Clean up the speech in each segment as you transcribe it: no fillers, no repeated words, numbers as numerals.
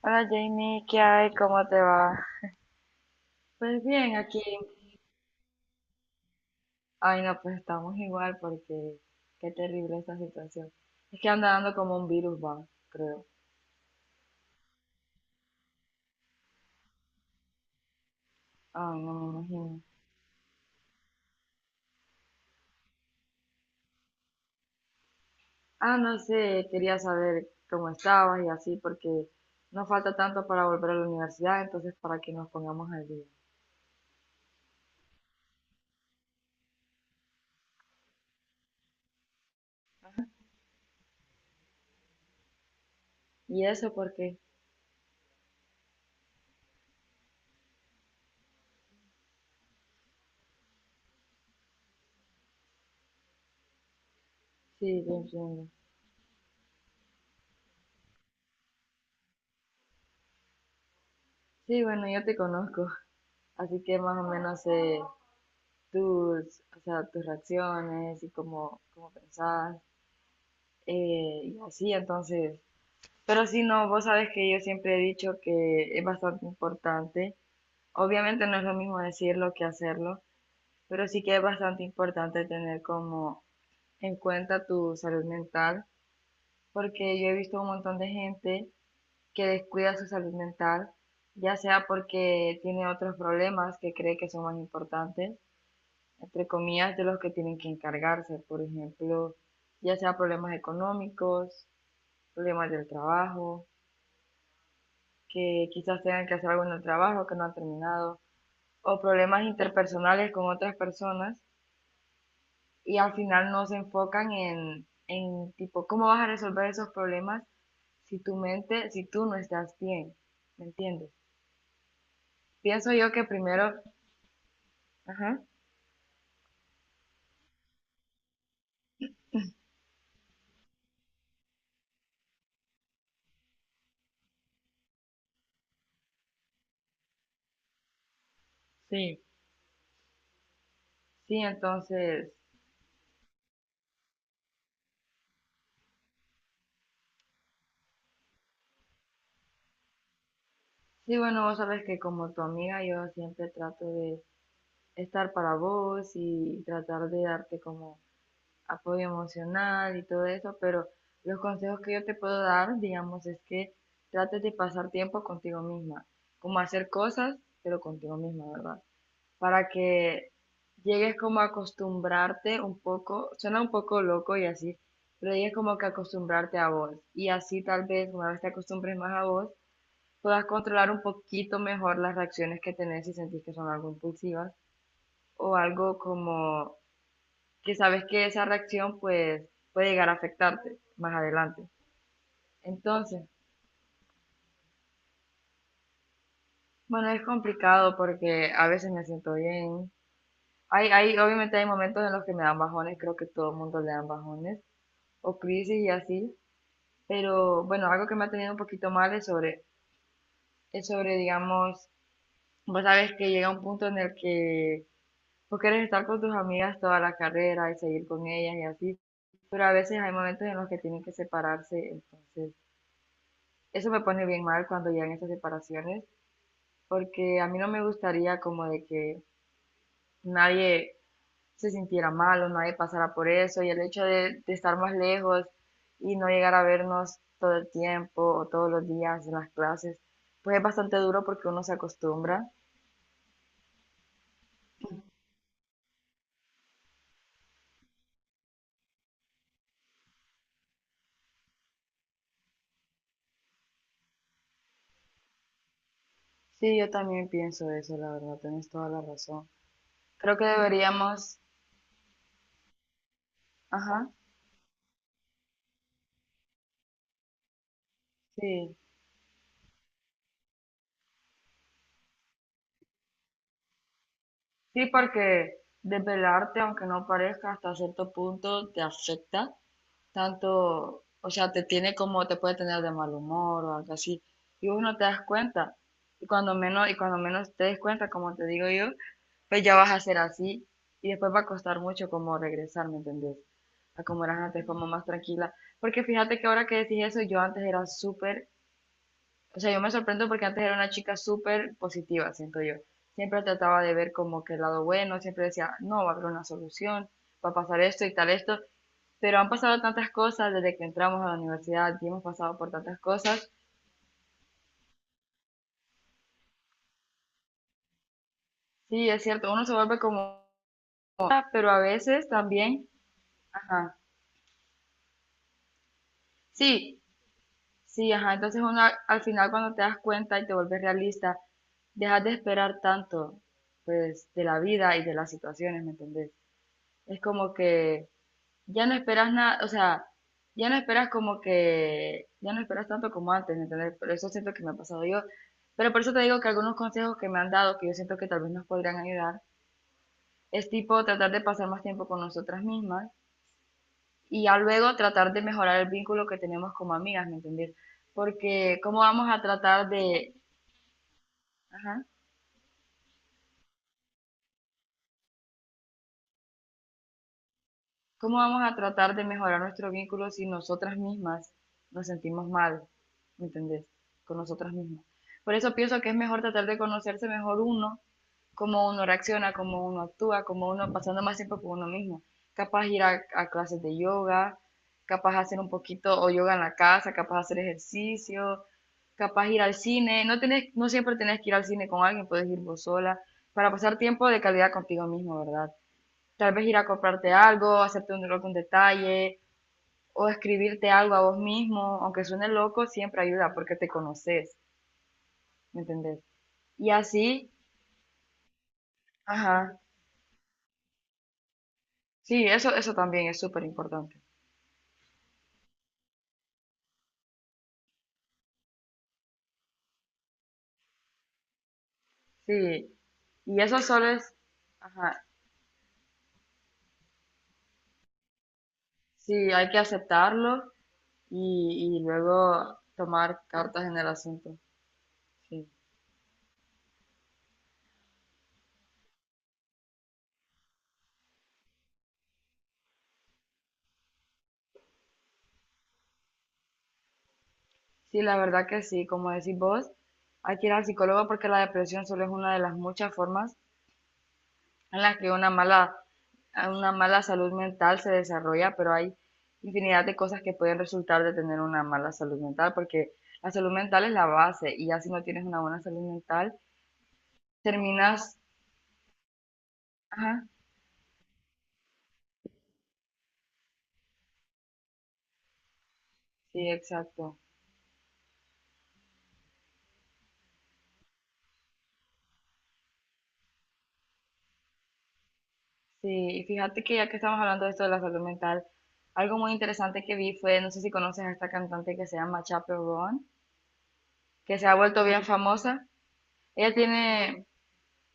Hola Jamie, ¿qué hay? ¿Cómo te va? Pues bien, aquí. Ay, no, pues estamos igual porque qué terrible esta situación. Es que anda dando como un virus, va, creo. Ay, no me imagino. No sé, quería saber cómo estabas y así porque no falta tanto para volver a la universidad, entonces para que nos pongamos al día. ¿Y eso por qué? Sí, te entiendo. Sí, bueno, yo te conozco, así que más o menos sé tus, o sea, tus reacciones y cómo pensás y así, entonces, pero si no, vos sabes que yo siempre he dicho que es bastante importante. Obviamente no es lo mismo decirlo que hacerlo, pero sí que es bastante importante tener como en cuenta tu salud mental, porque yo he visto un montón de gente que descuida su salud mental, ya sea porque tiene otros problemas que cree que son más importantes, entre comillas, de los que tienen que encargarse, por ejemplo, ya sea problemas económicos, problemas del trabajo que quizás tengan que hacer algún trabajo que no han terminado, o problemas interpersonales con otras personas, y al final no se enfocan en tipo, ¿cómo vas a resolver esos problemas si tu mente, si tú no estás bien? ¿Me entiendes? Pienso yo que primero, ajá. Sí, sí, entonces, sí, bueno, vos sabes que como tu amiga yo siempre trato de estar para vos y tratar de darte como apoyo emocional y todo eso, pero los consejos que yo te puedo dar, digamos, es que trates de pasar tiempo contigo misma, como hacer cosas, pero contigo misma, ¿verdad? Para que llegues como a acostumbrarte un poco, suena un poco loco y así, pero llegues como que a acostumbrarte a vos. Y así tal vez una vez te acostumbres más a vos, puedas controlar un poquito mejor las reacciones que tenés si sentís que son algo impulsivas o algo como que sabes que esa reacción pues puede llegar a afectarte más adelante. Entonces, bueno, es complicado porque a veces me siento bien. Obviamente hay momentos en los que me dan bajones, creo que todo el mundo le dan bajones, o crisis y así, pero bueno, algo que me ha tenido un poquito mal es sobre, digamos, vos sabes que llega un punto en el que vos querés estar con tus amigas toda la carrera y seguir con ellas y así, pero a veces hay momentos en los que tienen que separarse, entonces eso me pone bien mal cuando llegan esas separaciones, porque a mí no me gustaría como de que nadie se sintiera mal o nadie pasara por eso, y el hecho de estar más lejos y no llegar a vernos todo el tiempo o todos los días en las clases, pues es bastante duro porque uno se acostumbra. Sí, yo también pienso eso, la verdad, tienes toda la razón. Creo que deberíamos, ajá, sí, sí, porque desvelarte, aunque no parezca, hasta cierto punto te afecta tanto, o sea, te tiene como, te puede tener de mal humor o algo así. Y uno te das cuenta. Y cuando menos te des cuenta, como te digo yo, pues ya vas a ser así. Y después va a costar mucho como regresar, ¿me entendés? A como eras antes, como más tranquila. Porque fíjate que ahora que decís eso, yo antes era súper, o sea, yo me sorprendo porque antes era una chica súper positiva, siento yo. Siempre trataba de ver como que el lado bueno, siempre decía, no, va a haber una solución, va a pasar esto y tal esto, pero han pasado tantas cosas desde que entramos a la universidad y hemos pasado por tantas cosas. Sí, es cierto, uno se vuelve como, pero a veces también, ajá, sí, sí, ajá, entonces uno al final cuando te das cuenta y te vuelves realista, dejas de esperar tanto, pues, de la vida y de las situaciones, ¿me entendés? Es como que ya no esperas nada, o sea, ya no esperas como que, ya no esperas tanto como antes, ¿me entendés? Pero eso siento que me ha pasado yo. Pero por eso te digo que algunos consejos que me han dado, que yo siento que tal vez nos podrían ayudar, es tipo tratar de pasar más tiempo con nosotras mismas y ya luego tratar de mejorar el vínculo que tenemos como amigas, ¿me entendés? Porque cómo vamos a tratar de, ajá. ¿Cómo vamos a tratar de mejorar nuestro vínculo si nosotras mismas nos sentimos mal? ¿Me entendés? Con nosotras mismas. Por eso pienso que es mejor tratar de conocerse mejor uno, cómo uno reacciona, cómo uno actúa, cómo uno pasando más tiempo con uno mismo. Capaz ir a clases de yoga, capaz hacer un poquito o yoga en la casa, capaz hacer ejercicio, capaz ir al cine. No tenés, no siempre tenés que ir al cine con alguien, puedes ir vos sola, para pasar tiempo de calidad contigo mismo, ¿verdad? Tal vez ir a comprarte algo, hacerte un, algún detalle o escribirte algo a vos mismo, aunque suene loco, siempre ayuda porque te conoces, ¿me entendés? Y así, ajá, sí, eso también es súper importante, sí. Y eso solo es, ajá, sí, hay que aceptarlo y luego tomar cartas en el asunto, sí. Sí, la verdad que sí, como decís vos, hay que ir al psicólogo porque la depresión solo es una de las muchas formas en las que una mala salud mental se desarrolla, pero hay infinidad de cosas que pueden resultar de tener una mala salud mental, porque la salud mental es la base y ya si no tienes una buena salud mental, terminas… Ajá, sí, exacto. Sí, y fíjate que ya que estamos hablando de esto de la salud mental, algo muy interesante que vi fue, no sé si conoces a esta cantante que se llama Chappell Roan, que se ha vuelto bien famosa. Ella tiene,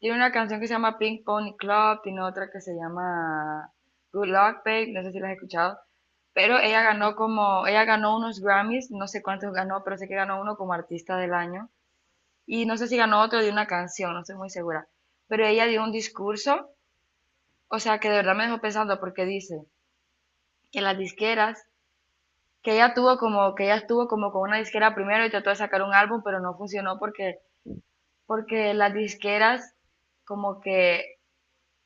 tiene una canción que se llama Pink Pony Club, tiene otra que se llama Good Luck Babe, no sé si la has escuchado, pero ella ganó como, ella ganó unos Grammys, no sé cuántos ganó, pero sé que ganó uno como artista del año, y no sé si ganó otro de una canción, no estoy muy segura, pero ella dio un discurso, o sea, que de verdad me dejó pensando porque dice que las disqueras, que ella tuvo como, que ella estuvo como con una disquera primero y trató de sacar un álbum, pero no funcionó porque las disqueras como que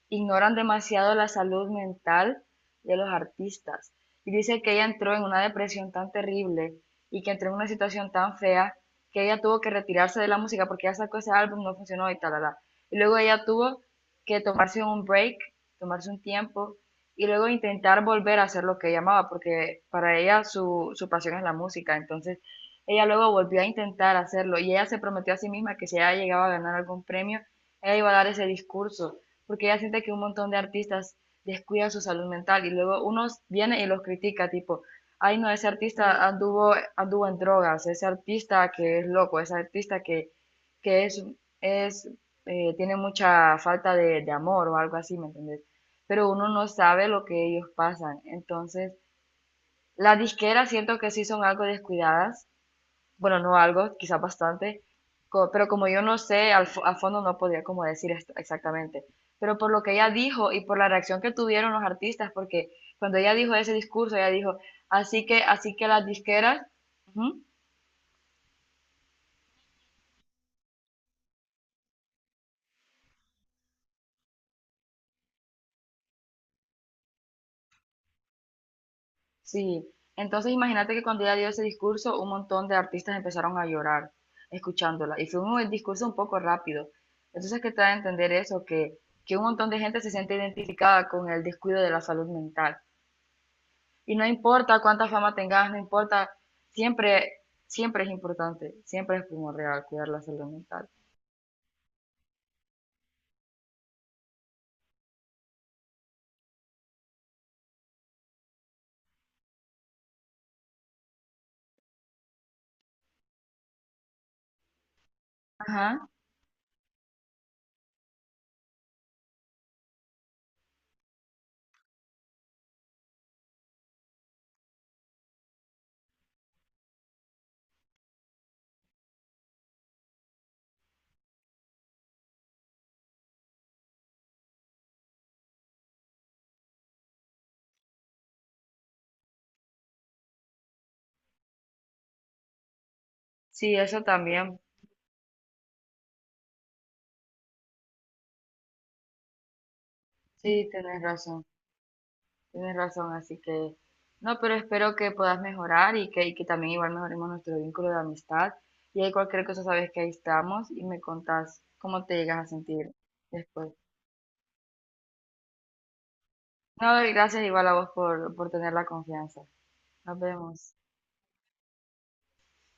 ignoran demasiado la salud mental de los artistas. Y dice que ella entró en una depresión tan terrible y que entró en una situación tan fea que ella tuvo que retirarse de la música porque ya sacó ese álbum, no funcionó y tal, tal, tal. Y luego ella tuvo que tomarse un break, tomarse un tiempo y luego intentar volver a hacer lo que ella amaba porque para ella su, su pasión es la música. Entonces ella luego volvió a intentar hacerlo y ella se prometió a sí misma que si ella llegaba a ganar algún premio, ella iba a dar ese discurso porque ella siente que un montón de artistas descuidan su salud mental y luego unos vienen y los critica, tipo, ay no, ese artista anduvo en drogas, ese artista que es loco, ese artista que es, tiene mucha falta de amor o algo así, ¿me entiendes? Pero uno no sabe lo que ellos pasan. Entonces, las disqueras siento que sí son algo descuidadas, bueno, no algo, quizás bastante, pero como yo no sé, a fondo no podía como decir esto exactamente, pero por lo que ella dijo y por la reacción que tuvieron los artistas, porque cuando ella dijo ese discurso, ella dijo, así que las disqueras, ujú, sí, entonces imagínate que cuando ella dio ese discurso, un montón de artistas empezaron a llorar escuchándola, y fue un discurso un poco rápido, entonces que te da a entender eso, que un montón de gente se siente identificada con el descuido de la salud mental. Y no importa cuánta fama tengas, no importa, siempre, siempre es importante, siempre es primordial cuidar la salud mental. Ajá, sí, eso también. Sí, tienes razón, así que no, pero espero que puedas mejorar y que también igual mejoremos nuestro vínculo de amistad. Y ahí cualquier cosa sabes que ahí estamos y me contás cómo te llegas a sentir después. No, y gracias igual a vos por tener la confianza. Nos vemos.